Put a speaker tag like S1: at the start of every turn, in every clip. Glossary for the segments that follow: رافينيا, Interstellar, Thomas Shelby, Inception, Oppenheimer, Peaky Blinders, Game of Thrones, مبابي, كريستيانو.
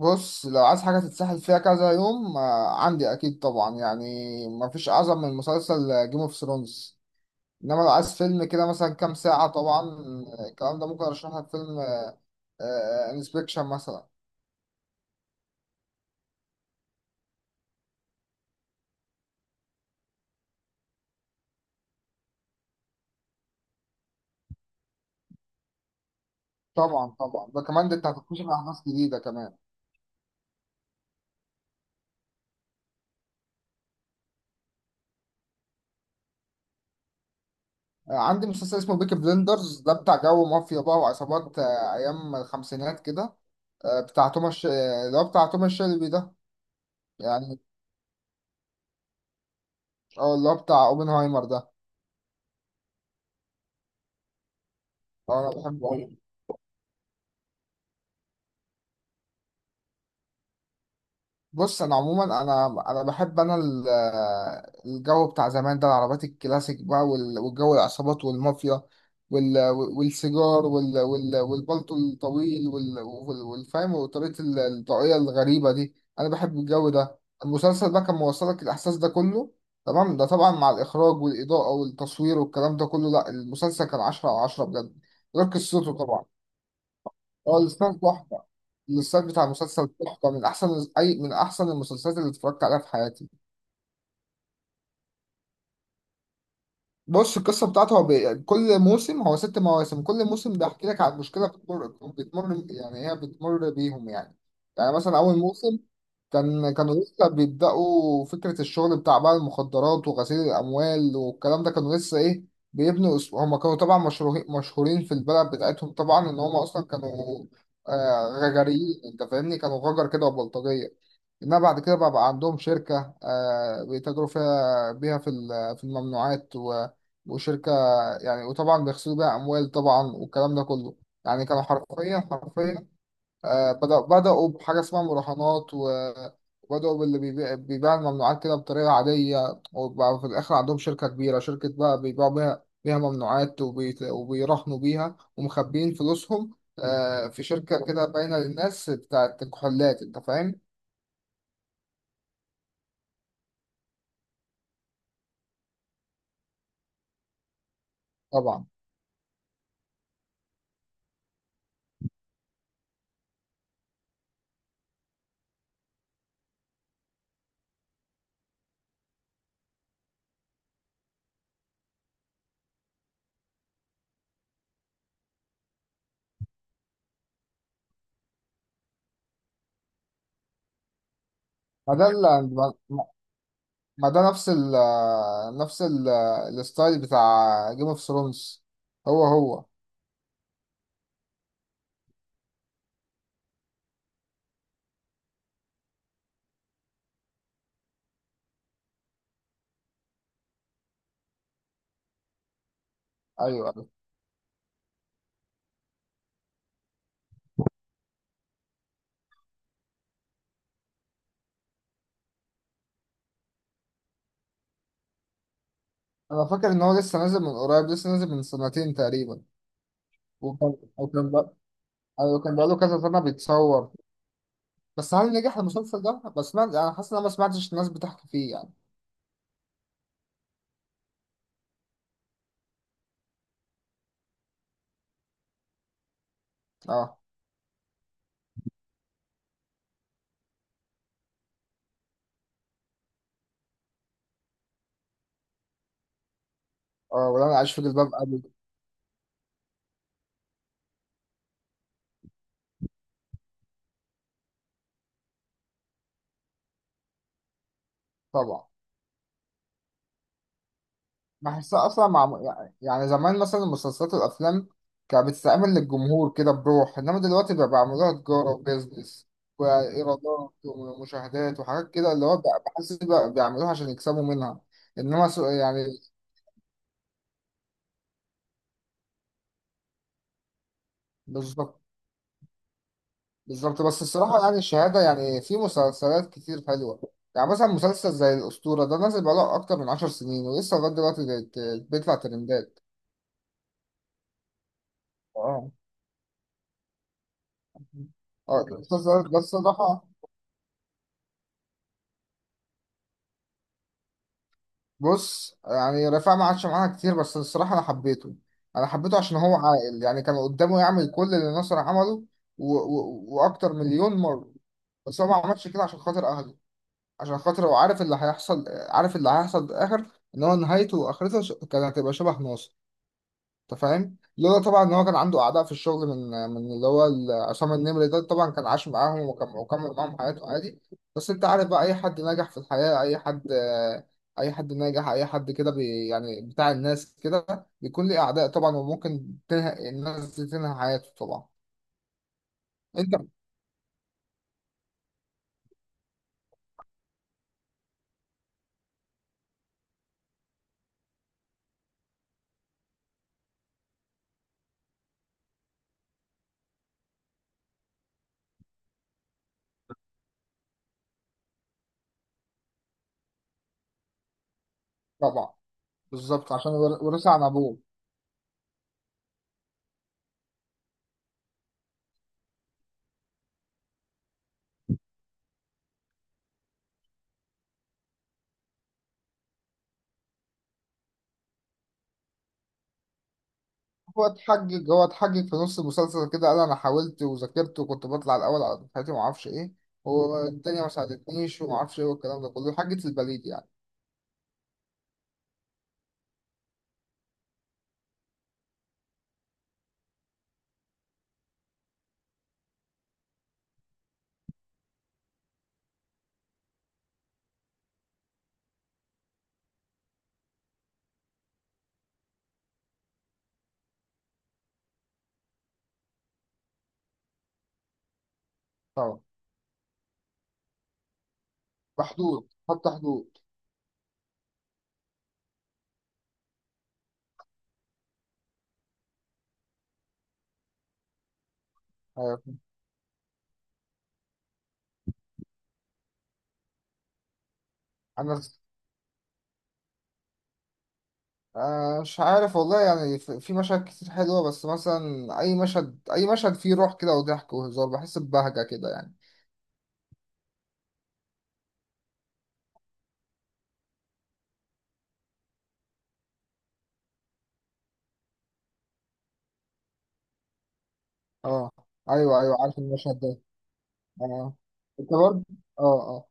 S1: بص لو عايز حاجة تتسحل فيها كذا يوم، عندي أكيد طبعا يعني. مفيش أعظم من مسلسل جيم اوف ثرونز. إنما لو عايز فيلم كده مثلا كام ساعة طبعا، الكلام ده ممكن أرشح لك فيلم انسبكشن مثلا. طبعا ده أنت هتكتشف أحداث جديدة كمان. عندي مسلسل اسمه بيكي بلندرز، ده بتاع جو مافيا بقى وعصابات، أيام الخمسينات كده، بتاع توماس ش- آه، اللي هو بتاع توماس شيلبي ده. يعني اه، اللي هو بتاع اوبنهايمر ده. أنا بحبه أوي. بص انا عموما انا انا بحب انا ال- الجو بتاع زمان ده، العربيات الكلاسيك بقى والجو العصابات والمافيا وال- والسيجار والبلطو الطويل والفاهم وطريقة الطاقية الغريبة دي، انا بحب الجو ده. المسلسل بقى كان موصلك الاحساس ده كله، تمام؟ ده طبعا مع الاخراج والاضاءة والتصوير والكلام ده كله. لا، المسلسل كان 10/10 بجد، غير قصته طبعا. هو الاستاذ تحفة. الاستاذ بتاع مسلسل تحفة، من أحسن، أي من أحسن المسلسلات اللي اتفرجت عليها في حياتي. بص، القصة بتاعته هو كل موسم، هو 6 مواسم، كل موسم بيحكي لك عن مشكلة بتمر يعني هي بتمر بيهم يعني. يعني مثلا أول موسم، كانوا لسه بيبدأوا فكرة الشغل بتاع بقى المخدرات وغسيل الأموال، والكلام ده كانوا لسه إيه، هما كانوا طبعا مشهورين مشهورين في البلد بتاعتهم طبعا. إن هما أصلا كانوا، غجريين، أنت فاهمني، كانوا غجر كده وبلطجية. انما بعد كده بقى عندهم شركة، بيتاجروا بيها في في الممنوعات و- وشركة، يعني وطبعا بيغسلوا بيها أموال طبعا والكلام ده كله. يعني كانوا حرفيا حرفيا، بدأوا بحاجة اسمها مراهنات و- وبدأوا باللي بيبيع الممنوعات كده بطريقة عادية، وبقى في الآخر عندهم شركة كبيرة، شركة بقى بيبيعوا بيها ممنوعات وبيراهنوا بيها ومخبيين فلوسهم، في شركة كده باينة للناس بتاعت كحولات. أنت فاهم؟ طبعا. ما ده ال- ما ما ده نفس ال نفس ال الستايل بتاع جيم اوف ثرونز، هو هو. ايوه، أيوة. انا فاكر ان هو لسه نازل من قريب، لسه نازل من سنتين تقريبا. وكان بقى، ايوه، كان بقاله كذا سنه بيتصور. بس هل نجح المسلسل ده؟ بس ما انا حاسس ان انا ما سمعتش الناس بتحكي فيه يعني. اه، اه، ولا انا عايش في جلباب ابي. طبعا. بحسها اصلا مع يعني، يعني زمان مثلا المسلسلات والافلام كانت بتستعمل للجمهور كده بروح، انما دلوقتي بقى بيعملوها تجاره وبيزنس وايرادات ومشاهدات وحاجات كده. اللي هو بقى، بحس بقى بيعملوها عشان يكسبوا منها. انما يعني بالظبط، بالظبط. بس الصراحه يعني الشهاده، يعني في مسلسلات كتير حلوه. يعني مثلا مسلسل زي الاسطوره ده، نازل بقاله اكتر من 10 سنين ولسه لغايه دلوقتي بيطلع ترندات. اه. اه، المسلسلات ده الصراحه. بص، يعني رفاعة ما عادش معانا كتير، بس الصراحة أنا حبيته. أنا حبيته عشان هو عاقل. يعني كان قدامه يعمل كل اللي نصر عمله وأكتر مليون مرة، بس هو ما عملش كده عشان خاطر أهله. عشان خاطر هو عارف اللي هيحصل، عارف اللي هيحصل في الآخر، إن هو نهايته وآخرته كانت هتبقى شبه ناصر. انت فاهم؟ لولا طبعا ان هو كان عنده اعداء في الشغل، من عصام النمري ده، طبعا كان عاش معاهم وكمل معاهم حياته عادي. بس انت عارف بقى، اي حد ناجح في الحياة، اي حد ناجح اي حد كده يعني بتاع الناس كده، بيكون ليه اعداء طبعا، وممكن تنهي الناس دي تنهي حياته طبعا. انت. طبعا. بالظبط، عشان ورثها عن ابوه. هو اتحجج، هو اتحجج في نص المسلسل كده، قال انا حاولت وذاكرت وكنت بطلع الاول على دفعتي وما اعرفش ايه والدنيا ما ساعدتنيش وما اعرفش ايه والكلام ده كله، حجة البليد يعني. طبعا. بحدود، حط حدود. آه، انا، مش عارف والله يعني. في في مشاهد كتير حلوة، بس مثلا اي مشهد، اي مشهد فيه روح كده وضحك وهزار، بحس ببهجة كده يعني. اه. ايوه، ايوه، عارف المشهد ده. اه. انت برضه. اه. اه.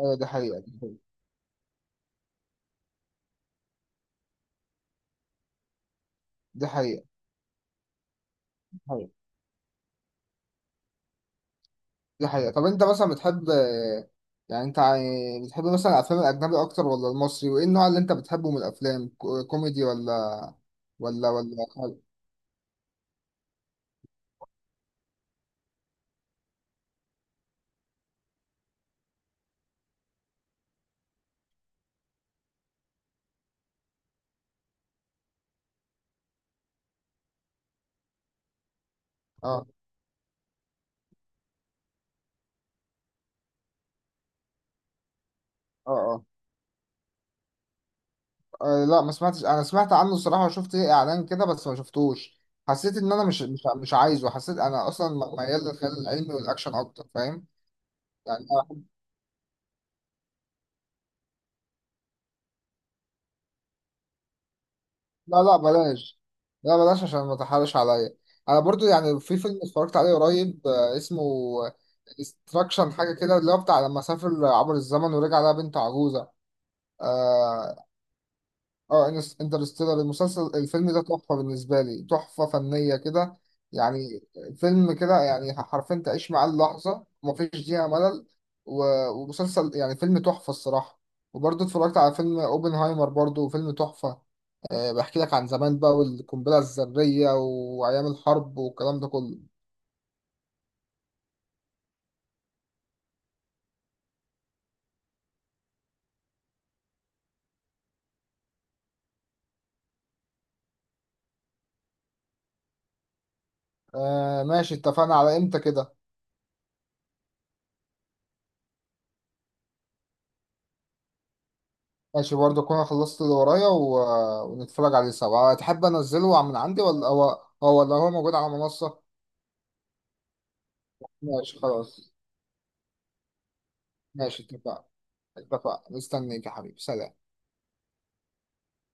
S1: ايوه، دي حقيقة، دي حقيقة. دي حقيقة، دي حقيقة. طب انت مثلا بتحب، يعني انت بتحب مثلا الافلام الاجنبي اكتر ولا المصري؟ وايه النوع اللي انت بتحبه من الافلام، كوميدي ولا ولا ولا خل- اه، اه، اه. لا، ما سمعتش، انا سمعت عنه الصراحة وشفت ليه اعلان كده بس ما شفتوش. حسيت ان انا مش عايزه. حسيت انا اصلا ميال للخيال العلمي والاكشن اكتر، فاهم؟ يعني لا، لا، بلاش. لا بلاش، عشان ما تحرش عليا. انا برضو يعني في فيلم اتفرجت عليه قريب، اسمه استراكشن حاجه كده، اللي هو بتاع لما سافر عبر الزمن ورجع لها بنت عجوزه، آه، اه، انترستيلر. المسلسل، الفيلم ده تحفة بالنسبة لي، تحفة فنية كده يعني. فيلم كده يعني حرفيا تعيش معاه اللحظة ومفيش دقيقة ملل. و- ومسلسل يعني فيلم تحفة الصراحة. وبرضه اتفرجت على فيلم اوبنهايمر، برضه فيلم تحفة. أه، بحكي لك عن زمان بقى والقنبلة الذرية وأيام الحرب والكلام ده كله. أه ماشي، اتفقنا. على امتى كده؟ ماشي، برضه أكون خلصت اللي ورايا ونتفرج عليه سوا. تحب أنزله من عندي ولا هو، هو ولا هو موجود على منصة؟ ماشي، خلاص. ماشي، اتفقنا. اتفقنا، مستنيك يا حبيبي، سلام.